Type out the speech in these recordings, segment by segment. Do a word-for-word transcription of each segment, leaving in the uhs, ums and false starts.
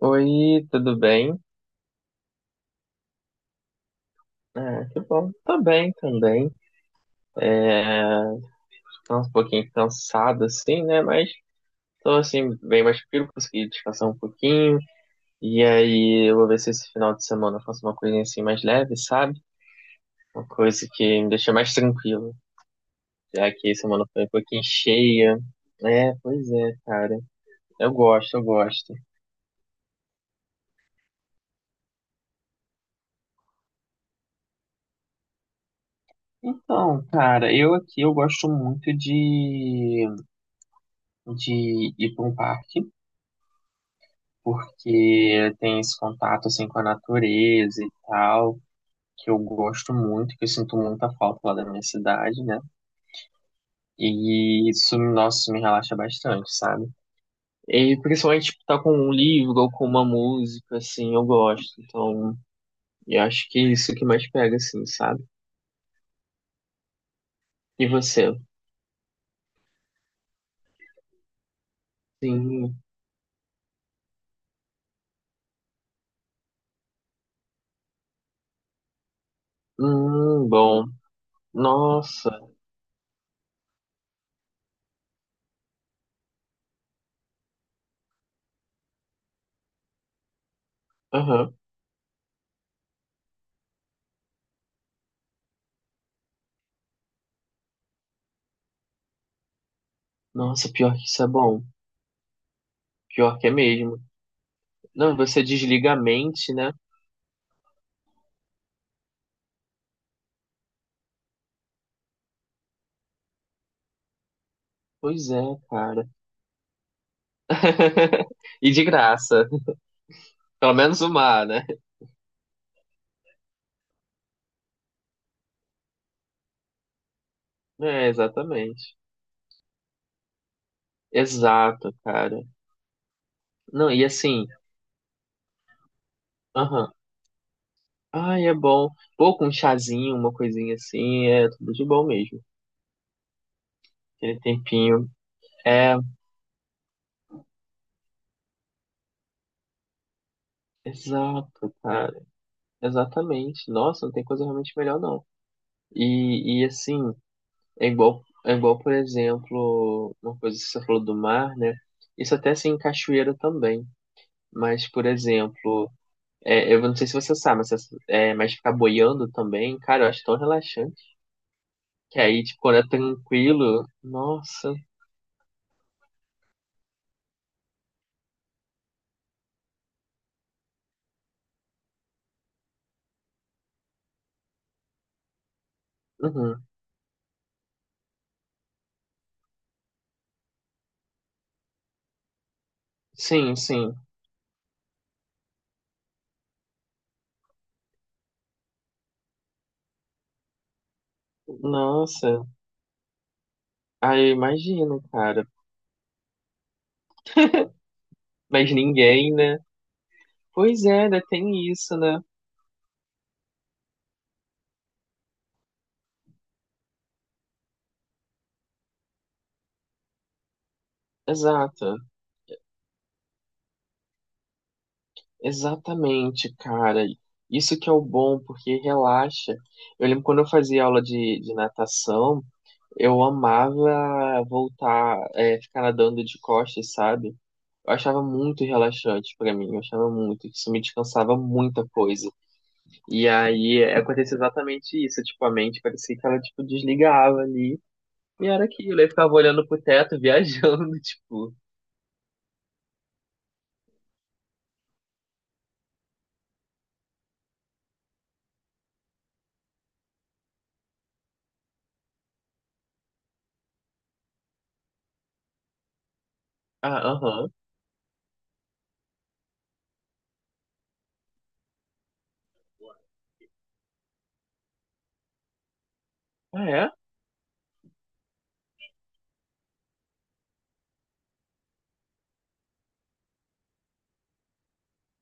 Oi, tudo bem? Ah, que bom. Tô bem também. É, tô um pouquinho cansado, assim, né? Mas tô, assim, bem mais tranquilo, consegui descansar um pouquinho. E aí, eu vou ver se esse final de semana eu faço uma coisinha, assim, mais leve, sabe? Uma coisa que me deixa mais tranquilo. Já que a semana foi um pouquinho cheia. É, pois é, cara. Eu gosto, eu gosto. Então, cara, eu aqui, eu gosto muito de, de ir para um parque. Porque tem esse contato assim com a natureza e tal, que eu gosto muito, que eu sinto muita falta lá da minha cidade, né? E isso, nossa, isso me relaxa bastante, sabe? E principalmente tipo, tá com um livro ou com uma música, assim, eu gosto. Então, eu acho que é isso que mais pega, assim, sabe? E você? Sim. Hum, bom. Nossa. Aham. Nossa, pior que isso é bom. Pior que é mesmo. Não, você desliga a mente, né? Pois é, cara. E de graça. Pelo menos o mar, né? É, exatamente. Exato, cara. Não, e assim, aham. Ai, é bom. Pô, com um chazinho, uma coisinha assim, é tudo de bom mesmo. Aquele tempinho. É, exato, cara. Exatamente. Nossa, não tem coisa realmente melhor, não. E, e assim, é igual, é igual, por exemplo, uma coisa que você falou do mar, né? Isso até assim em cachoeira também. Mas, por exemplo, é, eu não sei se você sabe, mas, essa- é, mas ficar boiando também, cara, eu acho tão relaxante. Que aí, tipo, quando é tranquilo, nossa. Uhum. Sim, sim. Nossa. Aí eu imagino, cara. Mas ninguém, né? Pois é, né? Tem isso, né? Exato. Exatamente, cara. Isso que é o bom, porque relaxa. Eu lembro quando eu fazia aula de, de natação. Eu amava voltar, é, ficar nadando de costas, sabe? Eu achava muito relaxante pra mim, eu achava muito, que isso me descansava muita coisa. E aí acontecia exatamente isso, tipo, a mente parecia que ela, tipo, desligava ali, e era aquilo, eu ficava olhando pro teto, viajando, tipo, ah, aham, ah, é?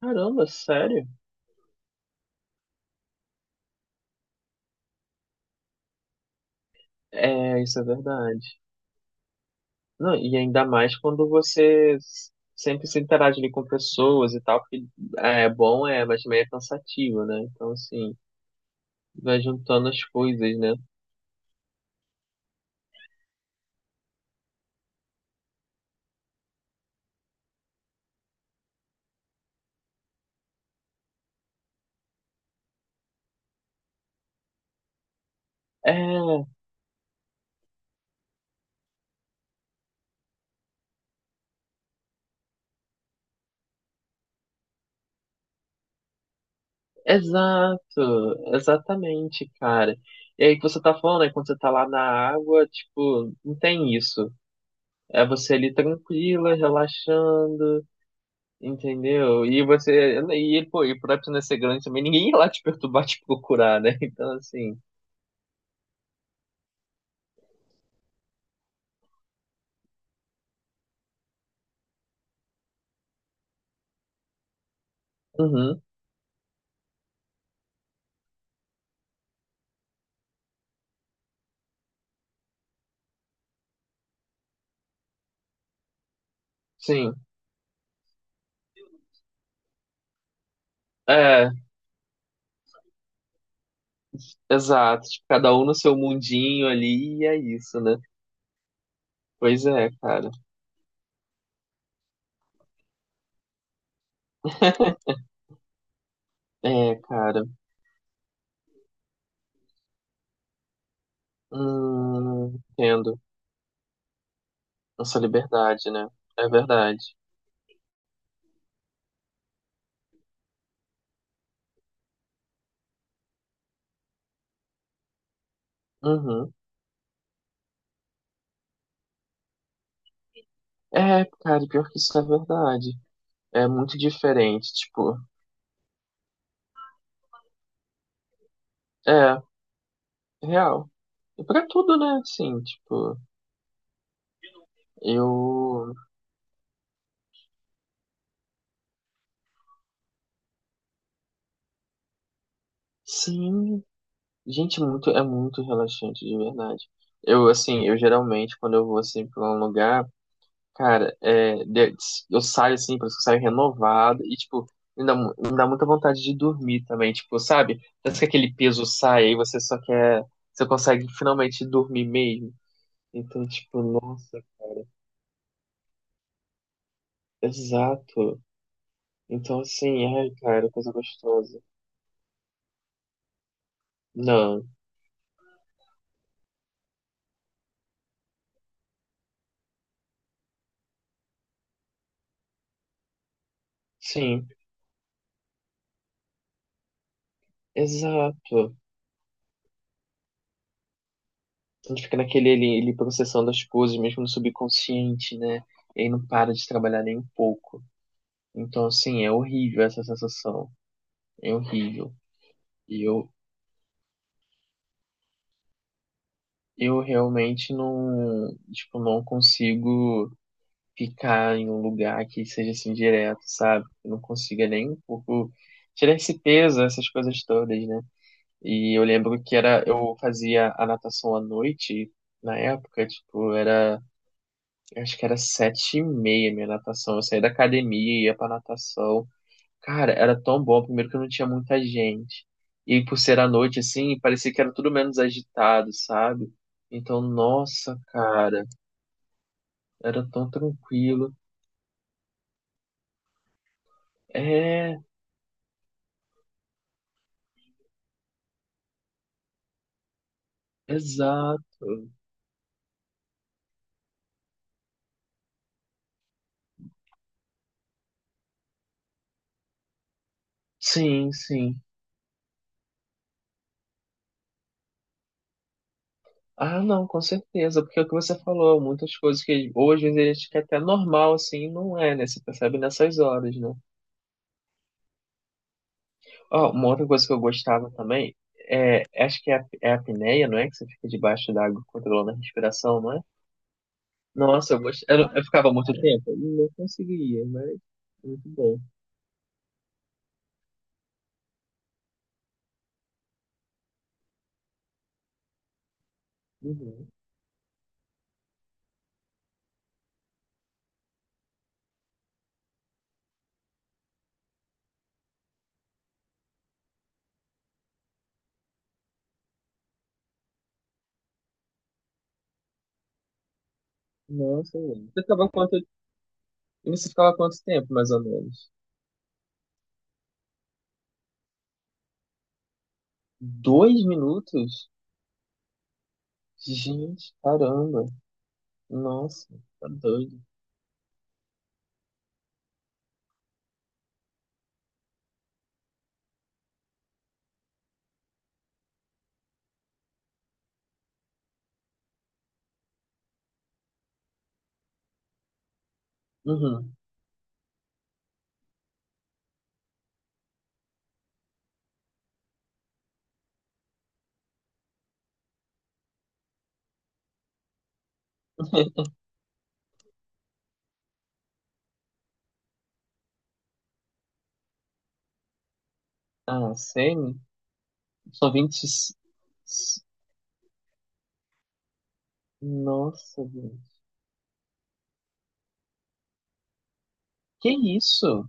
Caramba, sério? É, isso é verdade. Não, e ainda mais quando você s- sempre se interage ali com pessoas e tal, porque é bom, é, mas também é cansativo, né? Então, assim, vai juntando as coisas, né? É, exato, exatamente, cara. E aí que você tá falando, né? Quando você tá lá na água, tipo, não tem isso. É você ali tranquila, relaxando, entendeu? E você, e, pô, e por não ser grande também, ninguém ia lá te perturbar, te procurar, né? Então, assim, uhum, sim. É, exato, tipo, cada um no seu mundinho ali e é isso, né? Pois é, cara. É, cara. Hum, entendo. Nossa liberdade, né? É verdade. Uhum. É, cara, pior que isso é verdade. É muito diferente, tipo, é, real. E pra tudo, né? Assim, tipo, eu. Sim, gente, muito, é muito relaxante, de verdade. Eu, assim, eu geralmente, quando eu vou, assim, pra um lugar. Cara, é, de- eu saio assim, parece que eu saio renovado e, tipo, me dá, mu- me dá muita vontade de dormir também, tipo, sabe? Parece que aquele peso sai e você só quer, você consegue finalmente dormir mesmo. Então, tipo, nossa, exato. Então, assim, ai, cara, coisa gostosa. Não, sim, exato. A gente fica naquele ali, ali processando as coisas, mesmo no subconsciente, né? E aí não para de trabalhar nem um pouco. Então, assim, é horrível essa sensação. É horrível. E eu, eu realmente não, tipo, não consigo ficar em um lugar que seja assim direto, sabe? Eu não consiga nem um pouco tirar esse peso, essas coisas todas, né? E eu lembro que era, eu fazia a natação à noite, na época, tipo, era, eu acho que era sete e meia minha natação. Eu saía da academia, ia pra natação. Cara, era tão bom, primeiro que não tinha muita gente. E por ser à noite, assim, parecia que era tudo menos agitado, sabe? Então, nossa, cara, era tão tranquilo. É, exato. Sim, sim. Ah, não, com certeza, porque é o que você falou, muitas coisas que ou às vezes a gente quer até normal, assim, não é, né? Você percebe nessas horas, né? Ó, uma outra coisa que eu gostava também, é, acho que é a, é a apneia, não é? Que você fica debaixo da água controlando a respiração, não é? Nossa, eu, gost... eu, não- eu ficava muito tempo? Não conseguia, mas muito bom. Uhum. Nossa, mano. Você ficava quanto... Você ficava quanto tempo, mais ou menos? Dois minutos? Gente, caramba. Nossa, tá doido. Uhum. Ah, semi? São vinte. E- Nossa, gente. Que isso?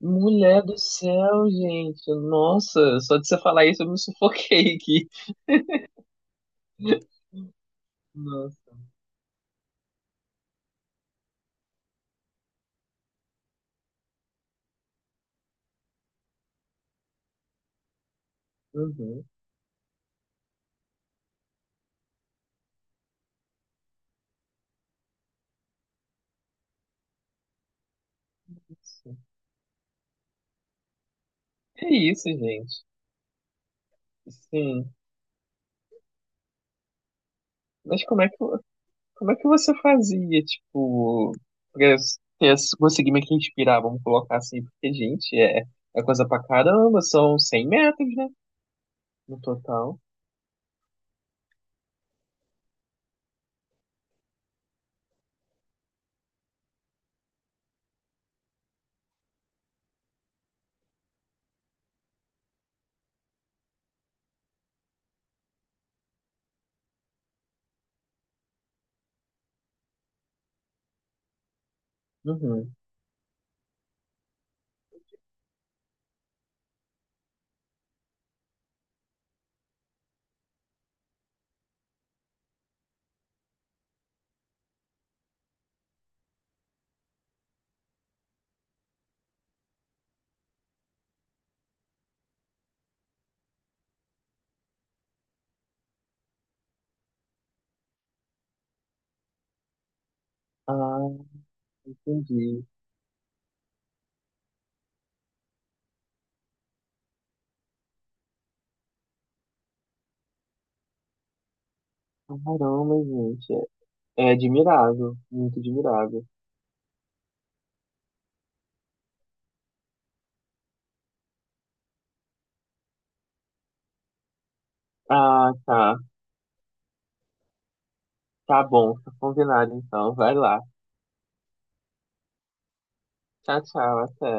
Mulher do céu, gente. Nossa, só de você falar isso eu me sufoquei aqui. Nossa. Uhum. É isso, gente. Sim. Mas como é que, como é que você fazia, tipo, pra ter- conseguir meio que inspirar, vamos colocar assim, porque, gente, é, é coisa pra caramba, são cem metros, né, no total. Uhum. Ah, entendi. Caramba, gente, é, é admirável, muito admirável. Ah, tá. Tá bom, tá combinado então. Vai lá. Tchau, tchau, até.